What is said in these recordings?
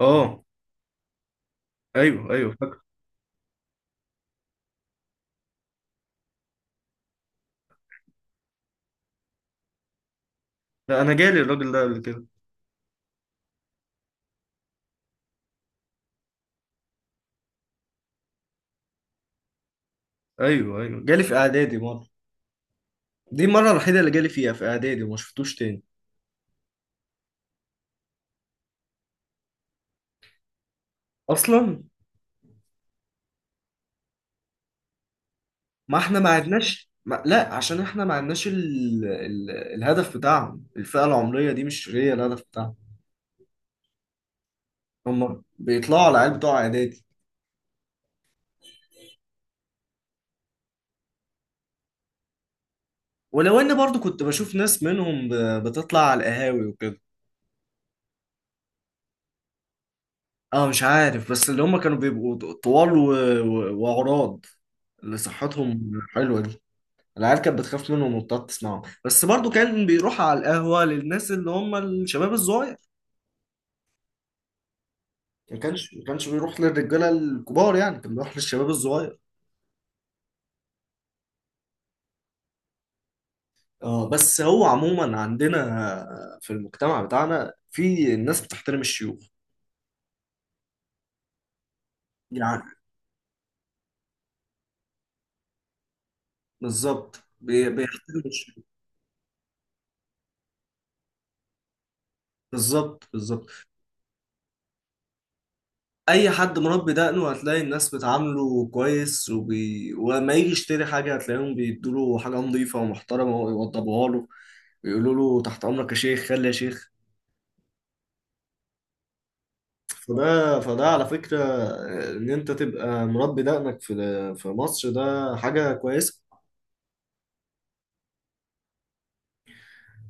اه، ايوه ايوه فاكر. لا، انا جالي الراجل ده قبل كده. ايوه ايوه جالي في اعدادي مره، دي المره الوحيده اللي جالي فيها في اعدادي وما شفتوش تاني اصلا. ما احنا ما عدناش ما... لا، عشان احنا ما عدناش الهدف بتاعهم، الفئه العمريه دي مش هي الهدف بتاعهم. هم بيطلعوا على العيال بتوع اعدادي. ولو اني برضو كنت بشوف ناس منهم بتطلع على القهاوي وكده. اه، مش عارف، بس اللي هم كانوا بيبقوا طوال وعراض، اللي صحتهم حلوه. العيال كانت بتخاف منهم وبتقعد تسمعهم، بس برضو كان بيروح على القهوة للناس اللي هم الشباب الصغير. ما كانش بيروح للرجالة الكبار، يعني كان بيروح للشباب الصغير. اه، بس هو عموما عندنا في المجتمع بتاعنا، في الناس بتحترم الشيوخ يعني. بالظبط، بيحترموا الشيوخ. بالظبط بالظبط، اي حد مربي دقنه هتلاقي الناس بتعامله كويس، وما يجي يشتري حاجة هتلاقيهم بيدوله حاجة نظيفة ومحترمة ويوضبوها له، بيقولوا له تحت امرك يا شيخ، خلي يا شيخ. فده على فكرة، ان انت تبقى مربي دقنك في في مصر، ده حاجة كويسة.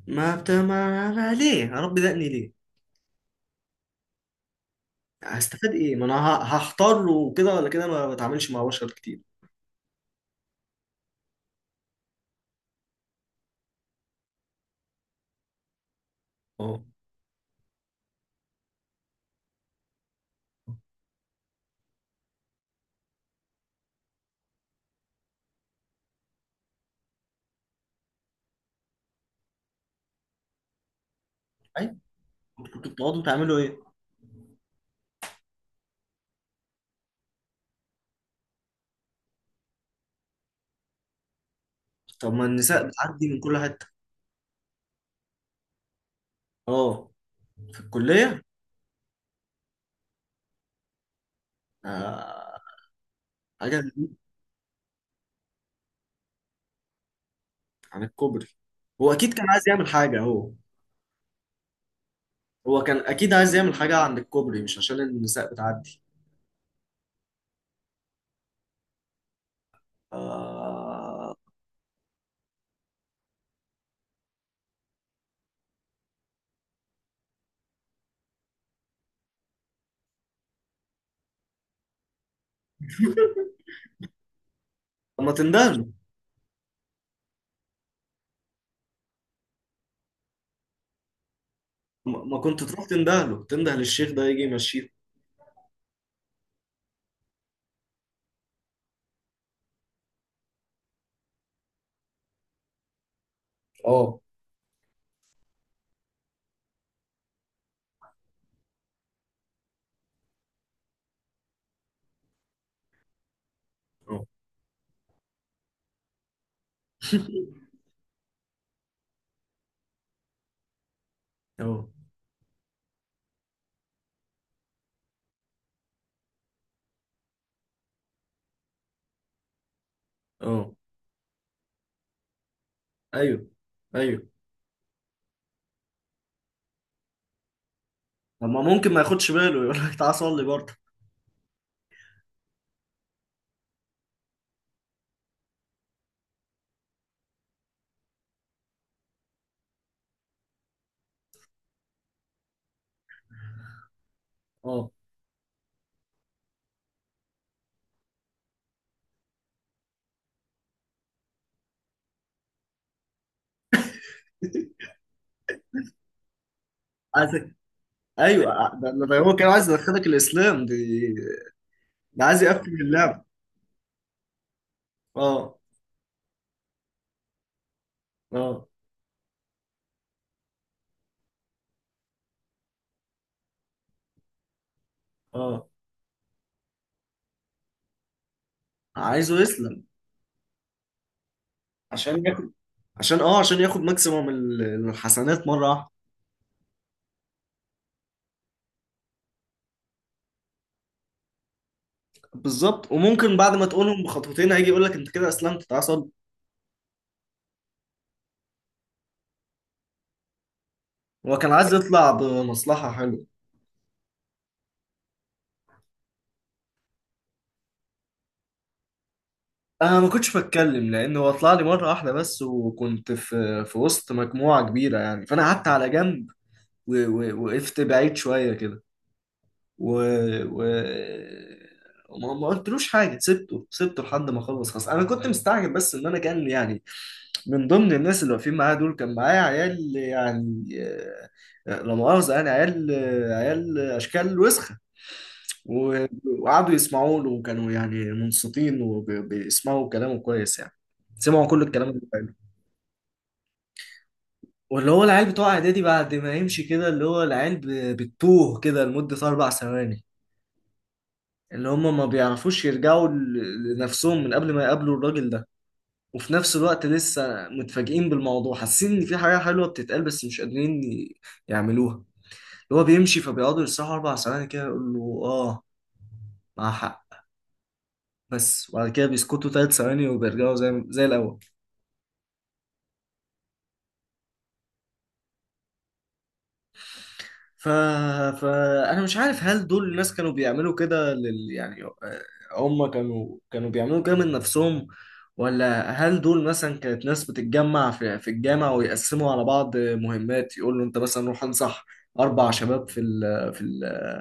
ما بت... ما ما ليه هربي دقني؟ ليه؟ هستفاد ايه؟ ما انا هحتار وكده ولا كده، ما بتعاملش مع بشر كتير. اه، ايوه. كنتوا بتقعدوا تعملوا ايه؟ طب ما النساء بتعدي من كل حتة. اه، في الكلية. آه... حاجة. عن الكوبري. هو اكيد كان عايز يعمل حاجة هو. هو كان اكيد عايز يعمل حاجة عند الكوبري، مش عشان النساء بتعدي. آه... طب ما تندهله، ما كنت تروح تندهله، تندهل الشيخ ده يجي يمشيه. اه. اه. اه. اه. ايوه ايوه. طب ما ممكن ما ياخدش باله، يقول لك تعالى صلي برضه؟ اه. عايزك. ايوه، ده هو كان عايز يدخلك الاسلام دي. ده عايز يقفل اللعبه. اه. اه. اه. عايزه يسلم، عشان ياخد. عشان اه، عشان ياخد ماكسيموم الحسنات مره واحده. بالظبط، وممكن بعد ما تقولهم بخطوتين هيجي يقول لك انت كده اسلمت، تعالى صلي. هو كان عايز يطلع بمصلحة حلوة. أنا ما كنتش بتكلم، لأن هو طلع لي مرة واحدة بس، وكنت في في وسط مجموعة كبيرة يعني، فأنا قعدت على جنب وقفت بعيد شوية كده و... و... وما ما قلتلوش حاجة، سبته لحد ما خلص، خلاص. أنا كنت مستعجب بس إن أنا كان يعني، من ضمن الناس اللي واقفين معايا دول كان معايا عيال يعني. لا مؤاخذة يعني عيال، عيال أشكال وسخة و- وقعدوا يسمعوا له، وكانوا يعني منصتين وبيسمعوا كلامه كويس يعني، سمعوا كل الكلام اللي قاله. واللي هو العيال بتوع اعدادي بعد ما يمشي كده، اللي هو العيال بتوه كده لمدة أربع ثواني، اللي هم ما بيعرفوش يرجعوا لنفسهم من قبل ما يقابلوا الراجل ده، وفي نفس الوقت لسه متفاجئين بالموضوع، حاسين إن في حاجة حلوة بتتقال بس مش قادرين يعملوها. اللي هو بيمشي فبيقعدوا يسرحوا أربع ثواني كده، يقول له آه، مع حق بس. وبعد كده بيسكتوا ثلاث ثواني وبيرجعوا زي الأول. ف... فأنا مش عارف، هل دول الناس كانوا بيعملوا كده يعني آه، هم كانوا بيعملوا كده من نفسهم، ولا هل دول مثلا كانت ناس بتتجمع في الجامع ويقسموا على بعض مهمات، يقول له انت مثلا روح انصح أربع شباب في ال... في ال...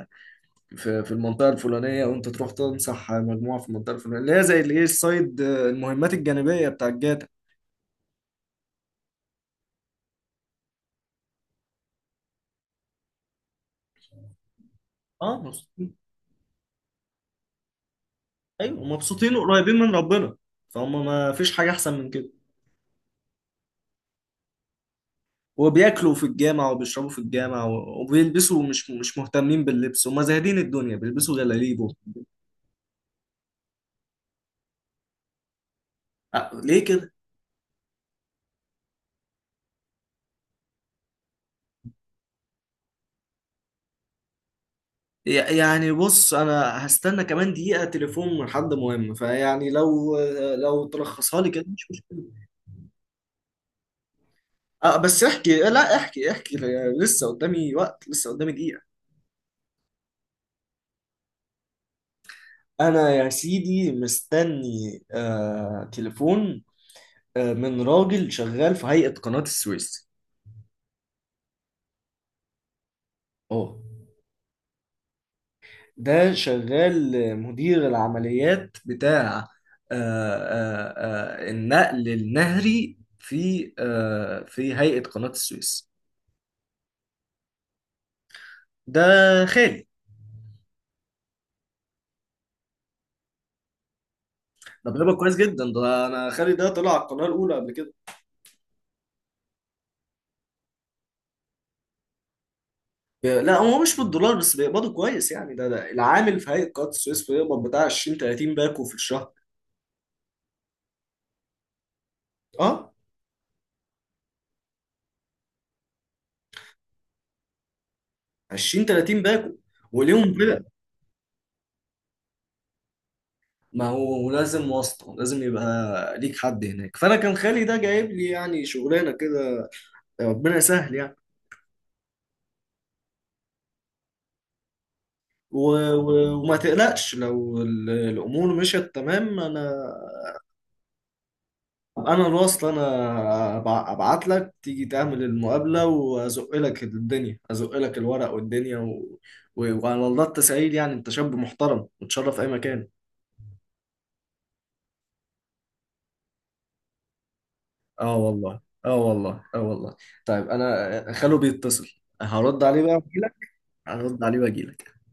في في المنطقة الفلانية، وانت تروح تنصح مجموعة في المنطقة الفلانية، اللي هي زي الايه، السايد المهمات الجانبية بتاع الجاتا. اه، مبسوطين. ايوه مبسوطين وقريبين من ربنا، فهم ما فيش حاجة أحسن من كده. وبياكلوا في الجامع وبيشربوا في الجامع وبيلبسوا، مش مهتمين باللبس وما زاهدين الدنيا، بيلبسوا جلاليبو. ليه كده؟ يعني بص، انا هستنى كمان دقيقة تليفون من حد مهم، فيعني لو لو تلخصها لي كده مش مشكلة. أه بس احكي، لا احكي احكي، لسه قدامي وقت، لسه قدامي دقيقة. انا يا سيدي مستني آه تليفون، آه، من راجل شغال في هيئة قناة السويس. اه، ده شغال مدير العمليات بتاع آه، آه، آه، النقل النهري في آه، في هيئة قناة السويس. ده خالي. ده بيقبض كويس جدا، ده انا خالي ده طلع على القناة الأولى قبل كده. لا، هو مش بالدولار بس بيقبضوا كويس يعني، ده العامل في هيئة قناة السويس بيقبض بتاع 20 30 باكو في الشهر. اه، 20 30 باكو، وليهم كده. ما هو لازم واسطة، لازم يبقى ليك حد هناك، فأنا كان خالي ده جايب لي يعني شغلانة كده، ربنا يسهل يعني. و... وما تقلقش، لو الامور مشيت تمام انا، انا الوصل انا، ابعت لك تيجي تعمل المقابله وازق لك الدنيا، ازق لك الورق والدنيا وعلى الله التسعيد يعني، انت شاب محترم وتشرف في اي مكان. اه والله، اه والله، اه والله. طيب انا خلو بيتصل، هرد عليه بقى واجيلك. هرد عليه واجيلك.